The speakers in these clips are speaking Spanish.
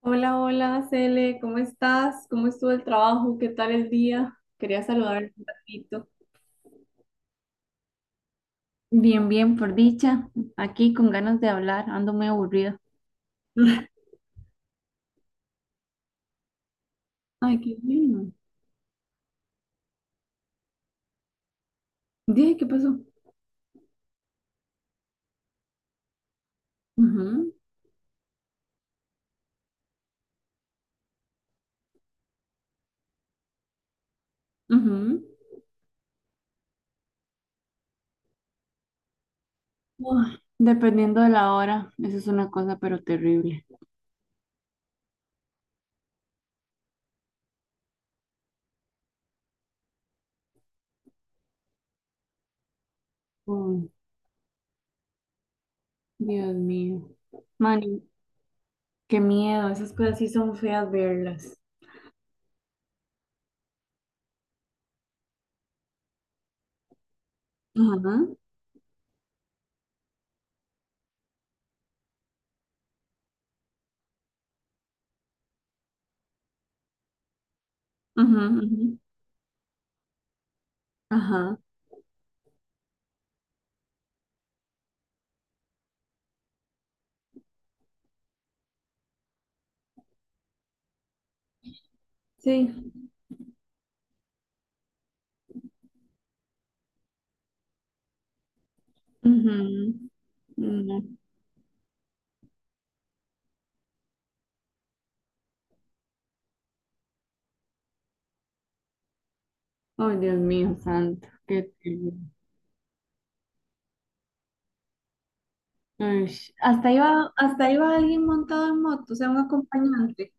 Hola, hola, Cele, ¿cómo estás? ¿Cómo estuvo el trabajo? ¿Qué tal el día? Quería saludarte un ratito. Bien, bien, por dicha. Aquí con ganas de hablar, ando muy aburrida. Ay, qué bien. Dije, ¿qué pasó? Ujú, ujú. Ay, dependiendo de la hora, eso es una cosa pero terrible. Uy, Dios mío. Mani, qué miedo, esas cosas sí son feas verlas. Ajá, ajá, ajá, ajá. Sí, ujú. Mm, no. Ay, Dios mío, santo, qué terrible. Ay, hasta iba alguien montado en moto, o sea, un acompañante.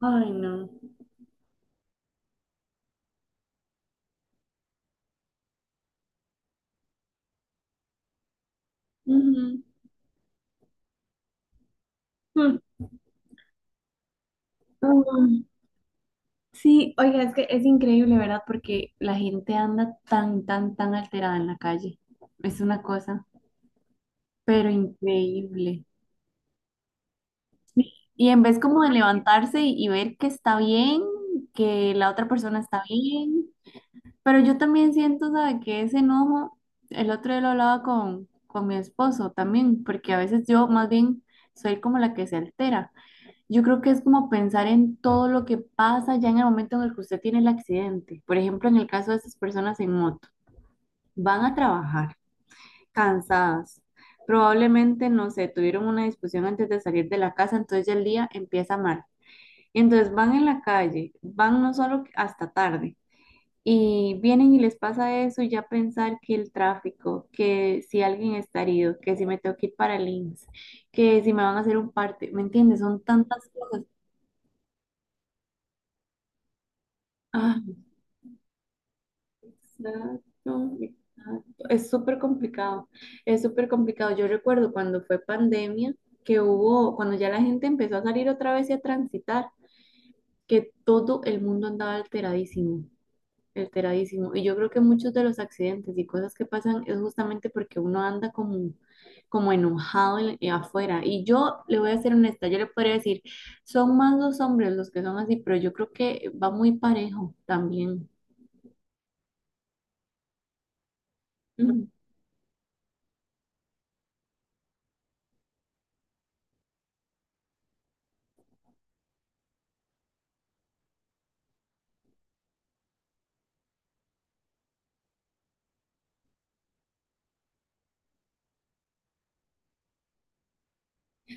Ay, no. Ujú. Mm. Uy. Sí, oiga, es que es increíble, ¿verdad? Porque la gente anda tan alterada en la calle. Es una cosa, pero increíble. Y en vez como de levantarse y ver que está bien, que la otra persona está bien. Pero yo también siento, ¿sabe? Que ese enojo, el otro día lo hablaba con mi esposo también, porque a veces yo más bien soy como la que se altera. Yo creo que es como pensar en todo lo que pasa ya en el momento en el que usted tiene el accidente. Por ejemplo, en el caso de esas personas en moto, van a trabajar cansadas. Probablemente, no sé, tuvieron una discusión antes de salir de la casa, entonces ya el día empieza mal. Entonces van en la calle, van no solo hasta tarde y vienen y les pasa eso y ya pensar que el tráfico, que si alguien está herido, que si me tengo que ir para el IMSS, que si me van a hacer un parte, ¿me entiendes? Son tantas cosas. Ah, exacto, exacto. Es súper complicado, es súper complicado. Yo recuerdo cuando fue pandemia, que hubo, cuando ya la gente empezó a salir otra vez y a transitar, que todo el mundo andaba alteradísimo. Alteradísimo. Y yo creo que muchos de los accidentes y cosas que pasan es justamente porque uno anda como, como enojado afuera. Y yo le voy a ser honesta, yo le podría decir, son más los hombres los que son así, pero yo creo que va muy parejo también. Ujú.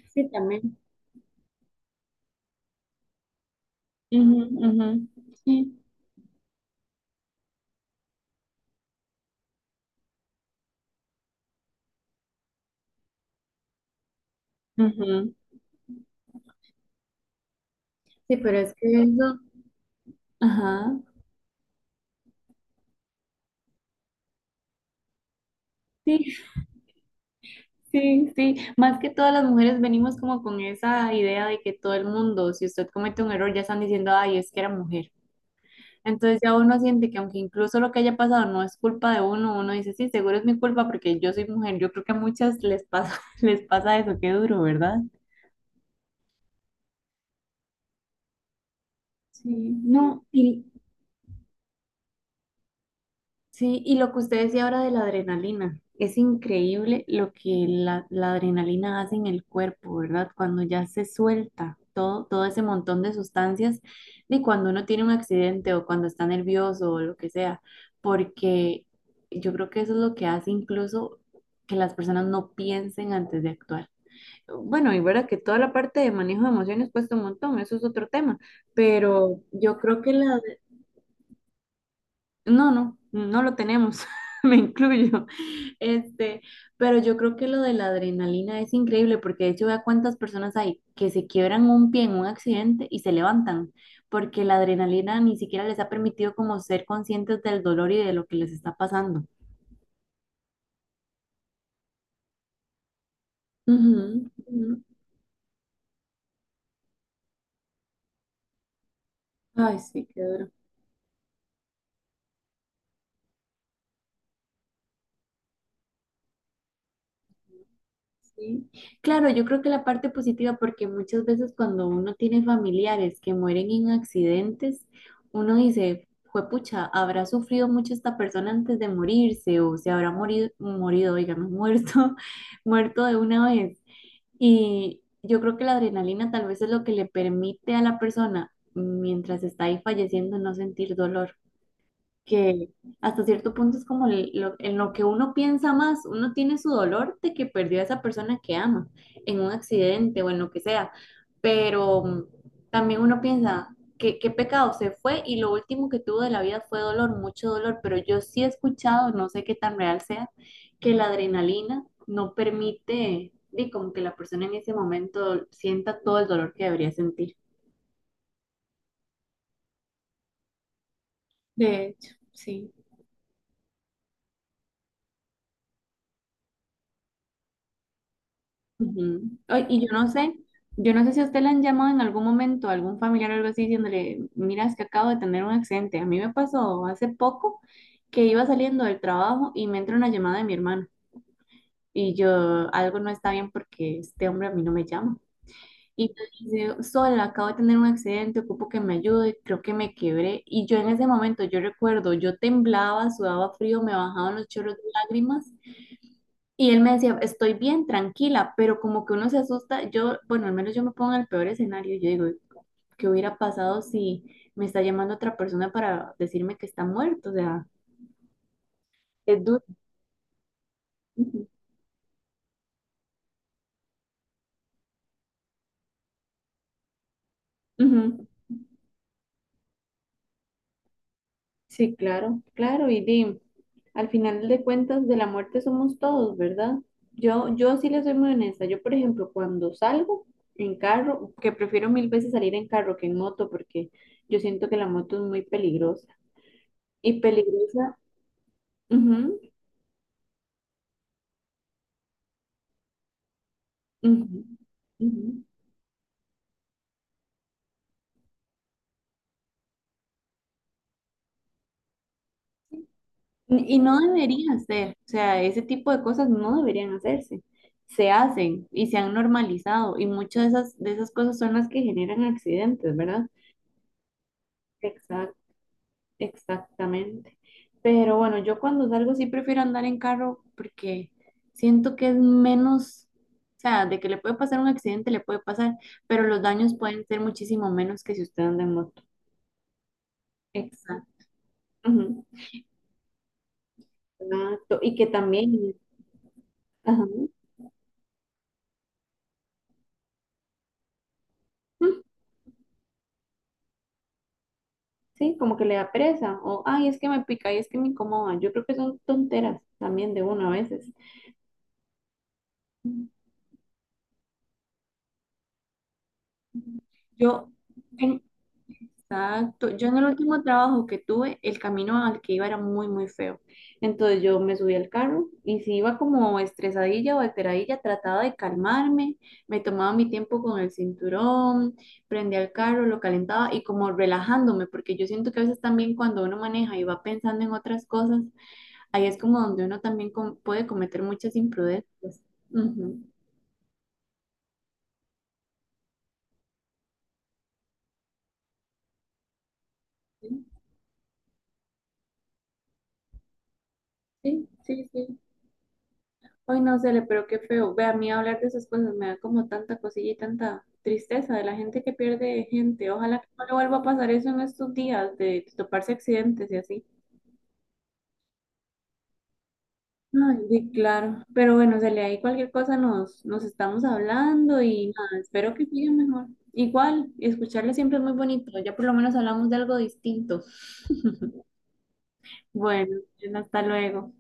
Sí, también. Ujú, ujú. Sí, ujú. Sí, pero es que eso, ajá. Sí, sí, sí. Más que todas las mujeres venimos como con esa idea de que todo el mundo, si usted comete un error, ya están diciendo, ay, es que era mujer. Entonces ya uno siente que aunque incluso lo que haya pasado no es culpa de uno, uno dice, sí, seguro es mi culpa porque yo soy mujer. Yo creo que a muchas les pasa, les pasa eso, qué duro, ¿verdad? Sí, no, y, sí, y lo que usted decía ahora de la adrenalina, es increíble lo que la adrenalina hace en el cuerpo, ¿verdad? Cuando ya se suelta todo, todo ese montón de sustancias, y cuando uno tiene un accidente o cuando está nervioso o lo que sea, porque yo creo que eso es lo que hace incluso que las personas no piensen antes de actuar. Bueno, y verdad que toda la parte de manejo de emociones cuesta un montón, eso es otro tema, pero yo creo que la, no lo tenemos, me incluyo. Este, pero yo creo que lo de la adrenalina es increíble porque de hecho vea cuántas personas hay que se quiebran un pie en un accidente y se levantan porque la adrenalina ni siquiera les ha permitido como ser conscientes del dolor y de lo que les está pasando. Ujú, ujú. Ay, sí, qué duro. Sí. Claro, yo creo que la parte positiva, porque muchas veces cuando uno tiene familiares que mueren en accidentes, uno dice, juepucha, habrá sufrido mucho esta persona antes de morirse, o se habrá digamos, muerto de una vez. Y yo creo que la adrenalina tal vez es lo que le permite a la persona, mientras está ahí falleciendo, no sentir dolor que hasta cierto punto es como en lo que uno piensa más, uno tiene su dolor de que perdió a esa persona que ama en un accidente o en lo que sea, pero mm, también uno piensa que qué pecado se fue y lo último que tuvo de la vida fue dolor, mucho dolor, pero yo sí he escuchado, no sé qué tan real sea, que la adrenalina no permite, y como que la persona en ese momento sienta todo el dolor que debería sentir. De hecho, sí. Ujú. Ay, y yo no sé si a usted le han llamado en algún momento, algún familiar o algo así, diciéndole, mira, es que acabo de tener un accidente. A mí me pasó hace poco que iba saliendo del trabajo y me entra una llamada de mi hermano. Y yo, algo no está bien porque este hombre a mí no me llama. Y me dice, Sol, acabo de tener un accidente, ocupo que me ayude, creo que me quebré. Y yo en ese momento, yo recuerdo, yo temblaba, sudaba frío, me bajaban los chorros de lágrimas y él me decía, estoy bien, tranquila, pero como que uno se asusta, yo, bueno, al menos yo me pongo en el peor escenario, yo digo, ¿qué hubiera pasado si me está llamando otra persona para decirme que está muerto? O sea, es duro. Ujú, ujú. Sí, claro, claro, y di, al final de cuentas de la muerte somos todos, ¿verdad? Yo sí le soy muy honesta, yo por ejemplo, cuando salgo en carro, que prefiero mil veces salir en carro que en moto, porque yo siento que la moto es muy peligrosa. Y peligrosa, ujú, ujú, ujú. Y no debería ser, o sea, ese tipo de cosas no deberían hacerse. Se hacen y se han normalizado y muchas de esas cosas son las que generan accidentes, ¿verdad? Exact, exactamente. Pero bueno, yo cuando salgo sí prefiero andar en carro porque siento que es menos, o sea, de que le puede pasar un accidente, le puede pasar, pero los daños pueden ser muchísimo menos que si usted anda en moto. Exacto. Ujú, exacto. Y que también... Ajá. Sí, como que le da pereza, o ay, es que me pica, y es que me incomoda. Yo creo que son tonteras también de uno a veces. Yo, en- exacto, yo en el último trabajo que tuve, el camino al que iba era muy, muy feo. Entonces yo me subí al carro y si iba como estresadilla o alteradilla, trataba de calmarme, me tomaba mi tiempo con el cinturón, prendía el carro, lo calentaba y como relajándome, porque yo siento que a veces también cuando uno maneja y va pensando en otras cosas, ahí es como donde uno también puede cometer muchas imprudencias. Ujú. Sí, sí, sí. Sí. Ay no, Cele, pero qué feo. Ve, a mí hablar de esas cosas me da como tanta cosilla y tanta tristeza de la gente que pierde gente. Ojalá que no le vuelva a pasar eso en estos días de toparse accidentes y así. Ay, sí, claro. Pero bueno, Cele, ahí cualquier cosa nos estamos hablando y nada, espero que siga mejor. Igual, escucharle siempre es muy bonito. Ya por lo menos hablamos de algo distinto. Bueno, hasta luego.